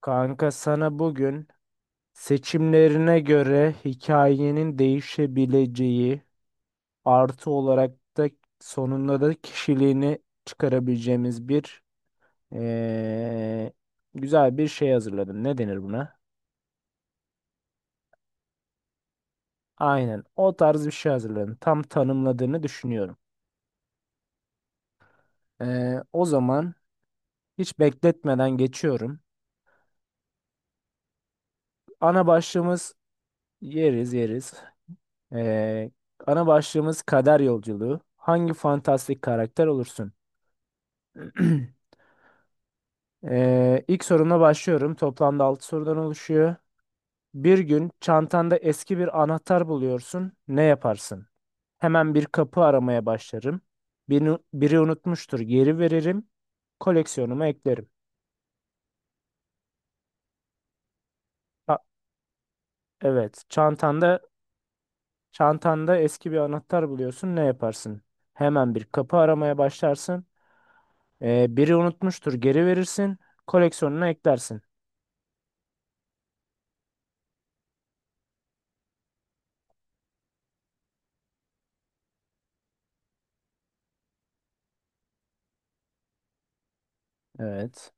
Kanka sana bugün seçimlerine göre hikayenin değişebileceği artı olarak da sonunda da kişiliğini çıkarabileceğimiz bir eee, güzel bir şey hazırladım. Ne denir buna? Aynen o tarz bir şey hazırladım. Tam tanımladığını düşünüyorum. O zaman hiç bekletmeden geçiyorum. Ana başlığımız yeriz yeriz. Eee, Ana başlığımız kader yolculuğu. Hangi fantastik karakter olursun? İlk sorumla başlıyorum. Toplamda 6 sorudan oluşuyor. Bir gün çantanda eski bir anahtar buluyorsun. Ne yaparsın? Hemen bir kapı aramaya başlarım. Biri unutmuştur. Geri veririm. Koleksiyonuma eklerim. Ha, evet. Çantanda eski bir anahtar buluyorsun. Ne yaparsın? Hemen bir kapı aramaya başlarsın. Biri unutmuştur. Geri verirsin. Koleksiyonuna eklersin. Evet.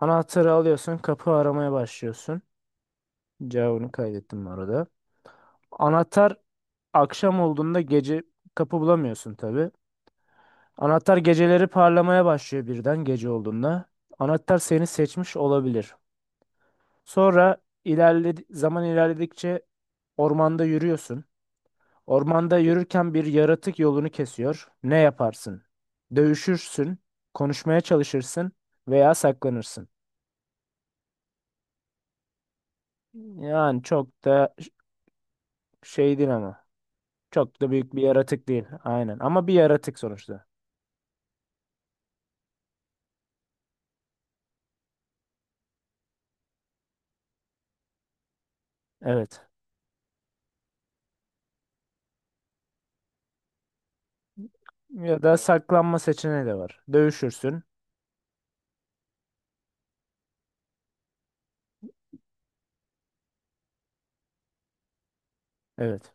Anahtarı alıyorsun. Kapı aramaya başlıyorsun. Cevabını kaydettim bu arada. Anahtar akşam olduğunda gece kapı bulamıyorsun tabii. Anahtar geceleri parlamaya başlıyor birden gece olduğunda. Anahtar seni seçmiş olabilir. Sonra ilerledi zaman ilerledikçe ormanda yürüyorsun. Ormanda yürürken bir yaratık yolunu kesiyor. Ne yaparsın? Dövüşürsün, konuşmaya çalışırsın veya saklanırsın. Yani çok da şey değil ama. Çok da büyük bir yaratık değil. Aynen. Ama bir yaratık sonuçta. Evet. Ya da saklanma seçeneği de var. Dövüşürsün. Evet.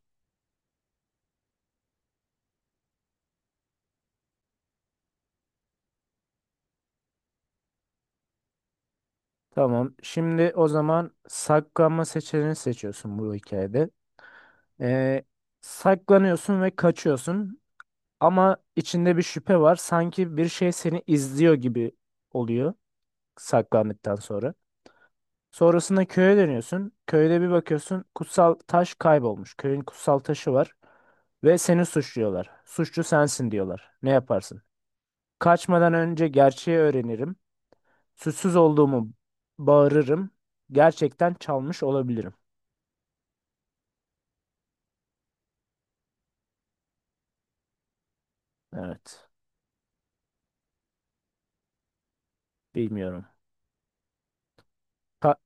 Tamam. Şimdi o zaman saklanma seçeneğini seçiyorsun bu hikayede. Ee, Saklanıyorsun ve kaçıyorsun. Ama içinde bir şüphe var. Sanki bir şey seni izliyor gibi oluyor saklandıktan sonra. Sonrasında köye dönüyorsun. Köyde bir bakıyorsun kutsal taş kaybolmuş. Köyün kutsal taşı var. Ve seni suçluyorlar. Suçlu sensin diyorlar. Ne yaparsın? Kaçmadan önce gerçeği öğrenirim. Suçsuz olduğumu bağırırım. Gerçekten çalmış olabilirim. Evet. Bilmiyorum. Ka-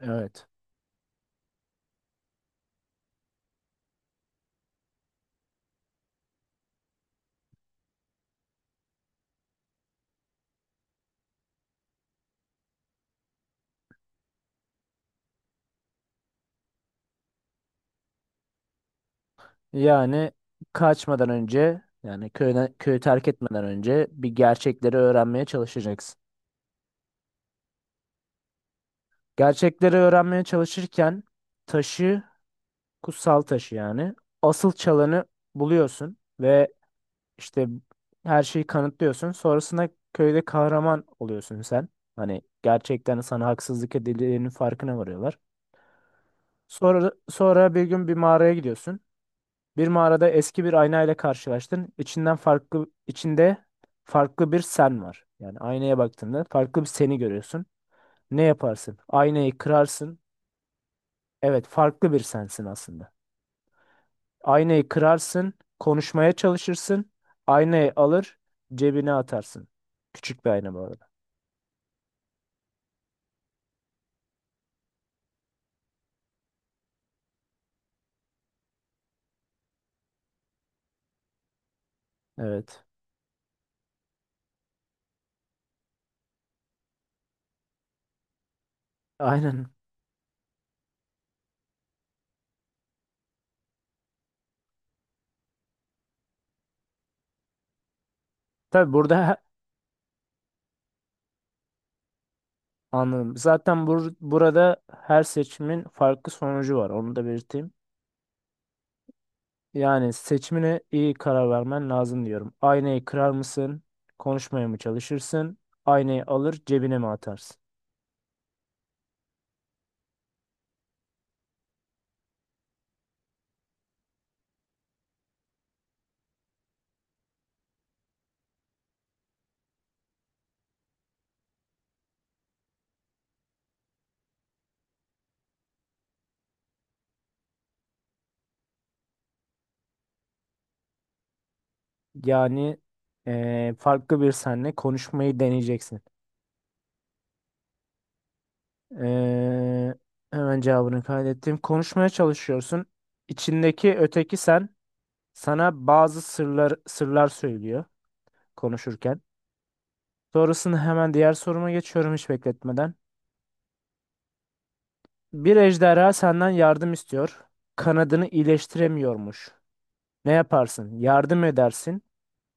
evet. Yani kaçmadan önce yani köyden, köyü terk etmeden önce bir gerçekleri öğrenmeye çalışacaksın. Gerçekleri öğrenmeye çalışırken taşı, kutsal taşı yani asıl çalanı buluyorsun ve işte her şeyi kanıtlıyorsun. Sonrasında köyde kahraman oluyorsun sen. Hani gerçekten sana haksızlık edildiğinin farkına varıyorlar. Sonra bir gün bir mağaraya gidiyorsun. Bir mağarada eski bir ayna ile karşılaştın. İçinde farklı bir sen var. Yani aynaya baktığında farklı bir seni görüyorsun. Ne yaparsın? Aynayı kırarsın. Evet, farklı bir sensin aslında. Aynayı kırarsın, konuşmaya çalışırsın. Aynayı alır, cebine atarsın. Küçük bir ayna bu arada. Evet. Aynen. Tabii burada anladım. Zaten burada her seçimin farklı sonucu var. Onu da belirteyim. Yani seçimine iyi karar vermen lazım diyorum. Aynayı kırar mısın? Konuşmaya mı çalışırsın? Aynayı alır cebine mi atarsın? Yani farklı bir senle konuşmayı deneyeceksin. Eee, Hemen cevabını kaydettim. Konuşmaya çalışıyorsun. İçindeki öteki sen sana bazı sırlar söylüyor konuşurken. Sonrasında hemen diğer soruma geçiyorum hiç bekletmeden. Bir ejderha senden yardım istiyor. Kanadını iyileştiremiyormuş. Ne yaparsın? Yardım edersin.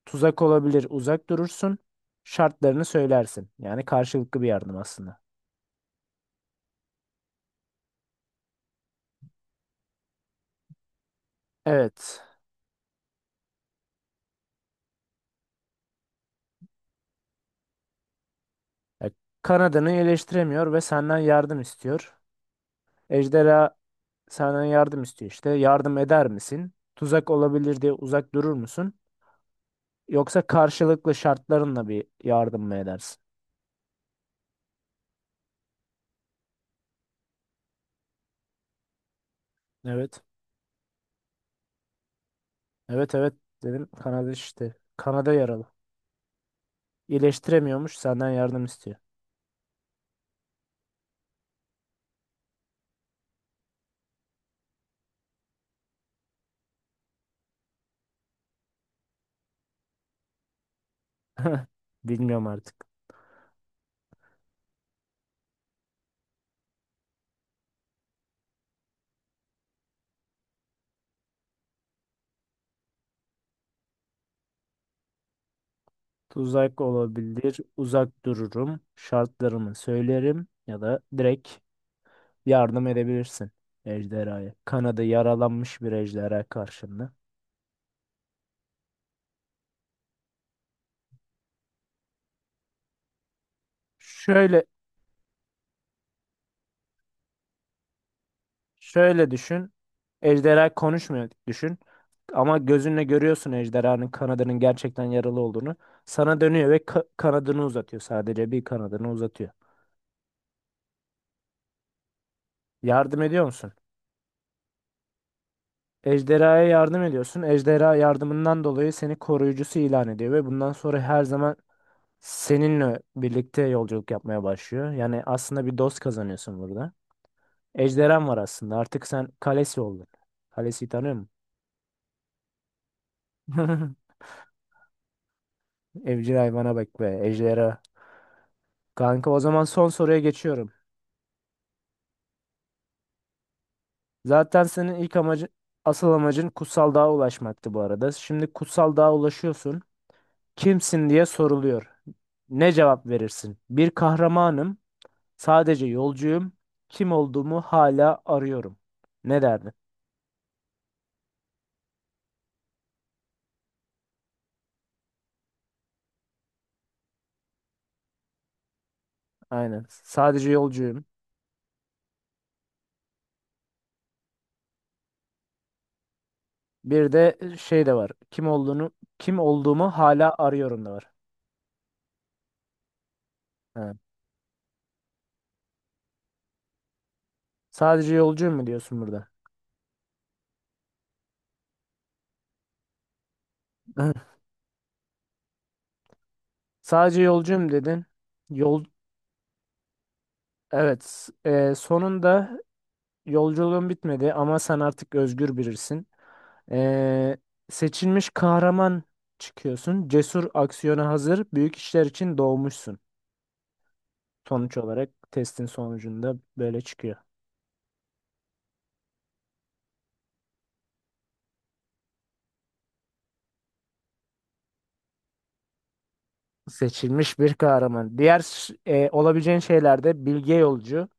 Tuzak olabilir, uzak durursun. Şartlarını söylersin. Yani karşılıklı bir yardım aslında. Evet. Ya, kanadını eleştiremiyor ve senden yardım istiyor. Ejderha senden yardım istiyor işte. Yardım eder misin? Tuzak olabilir diye uzak durur musun? Yoksa karşılıklı şartlarınla bir yardım mı edersin? Evet. Evet, evet dedim. Kanada işte. Kanada yaralı. İyileştiremiyormuş senden yardım istiyor. Bilmiyorum artık. Tuzak olabilir. Uzak dururum. Şartlarımı söylerim ya da direkt yardım edebilirsin ejderhaya. Kanadı yaralanmış bir ejderha karşında. Şöyle şöyle düşün. Ejderha konuşmuyor düşün. Ama gözünle görüyorsun ejderhanın kanadının gerçekten yaralı olduğunu. Sana dönüyor ve kanadını uzatıyor. Sadece bir kanadını uzatıyor. Yardım ediyor musun? Ejderhaya yardım ediyorsun. Ejderha yardımından dolayı seni koruyucusu ilan ediyor ve bundan sonra her zaman seninle birlikte yolculuk yapmaya başlıyor. Yani aslında bir dost kazanıyorsun burada. Ejderhan var aslında. Artık sen kalesi oldun. Kalesi tanıyor musun? Evcil hayvana bak be. Ejderha. Kanka o zaman son soruya geçiyorum. Zaten senin ilk amacın, asıl amacın kutsal dağa ulaşmaktı bu arada. Şimdi kutsal dağa ulaşıyorsun. Kimsin diye soruluyor. Ne cevap verirsin? Bir kahramanım, sadece yolcuyum. Kim olduğumu hala arıyorum. Ne derdin? Aynen. Sadece yolcuyum. Bir de şey de var. Kim olduğumu hala arıyorum da var. Ha. Sadece yolcuyum mu diyorsun burada? Sadece yolcuyum dedin. Yol evet. Sonunda yolculuğun bitmedi ama sen artık özgür birisin. E, Seçilmiş kahraman çıkıyorsun. Cesur aksiyona hazır. Büyük işler için doğmuşsun. Sonuç olarak testin sonucunda böyle çıkıyor. Seçilmiş bir kahraman. Diğer olabileceğin şeylerde bilge yolcu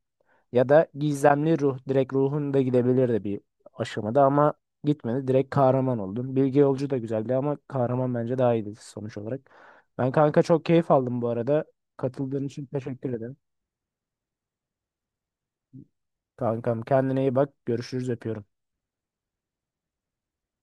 ya da gizemli ruh. Direkt ruhun da gidebilirdi bir aşamada ama gitmedi. Direkt kahraman oldun. Bilge yolcu da güzeldi ama kahraman bence daha iyiydi sonuç olarak. Ben kanka çok keyif aldım bu arada. Katıldığın için teşekkür ederim. Kankam kendine iyi bak. Görüşürüz öpüyorum.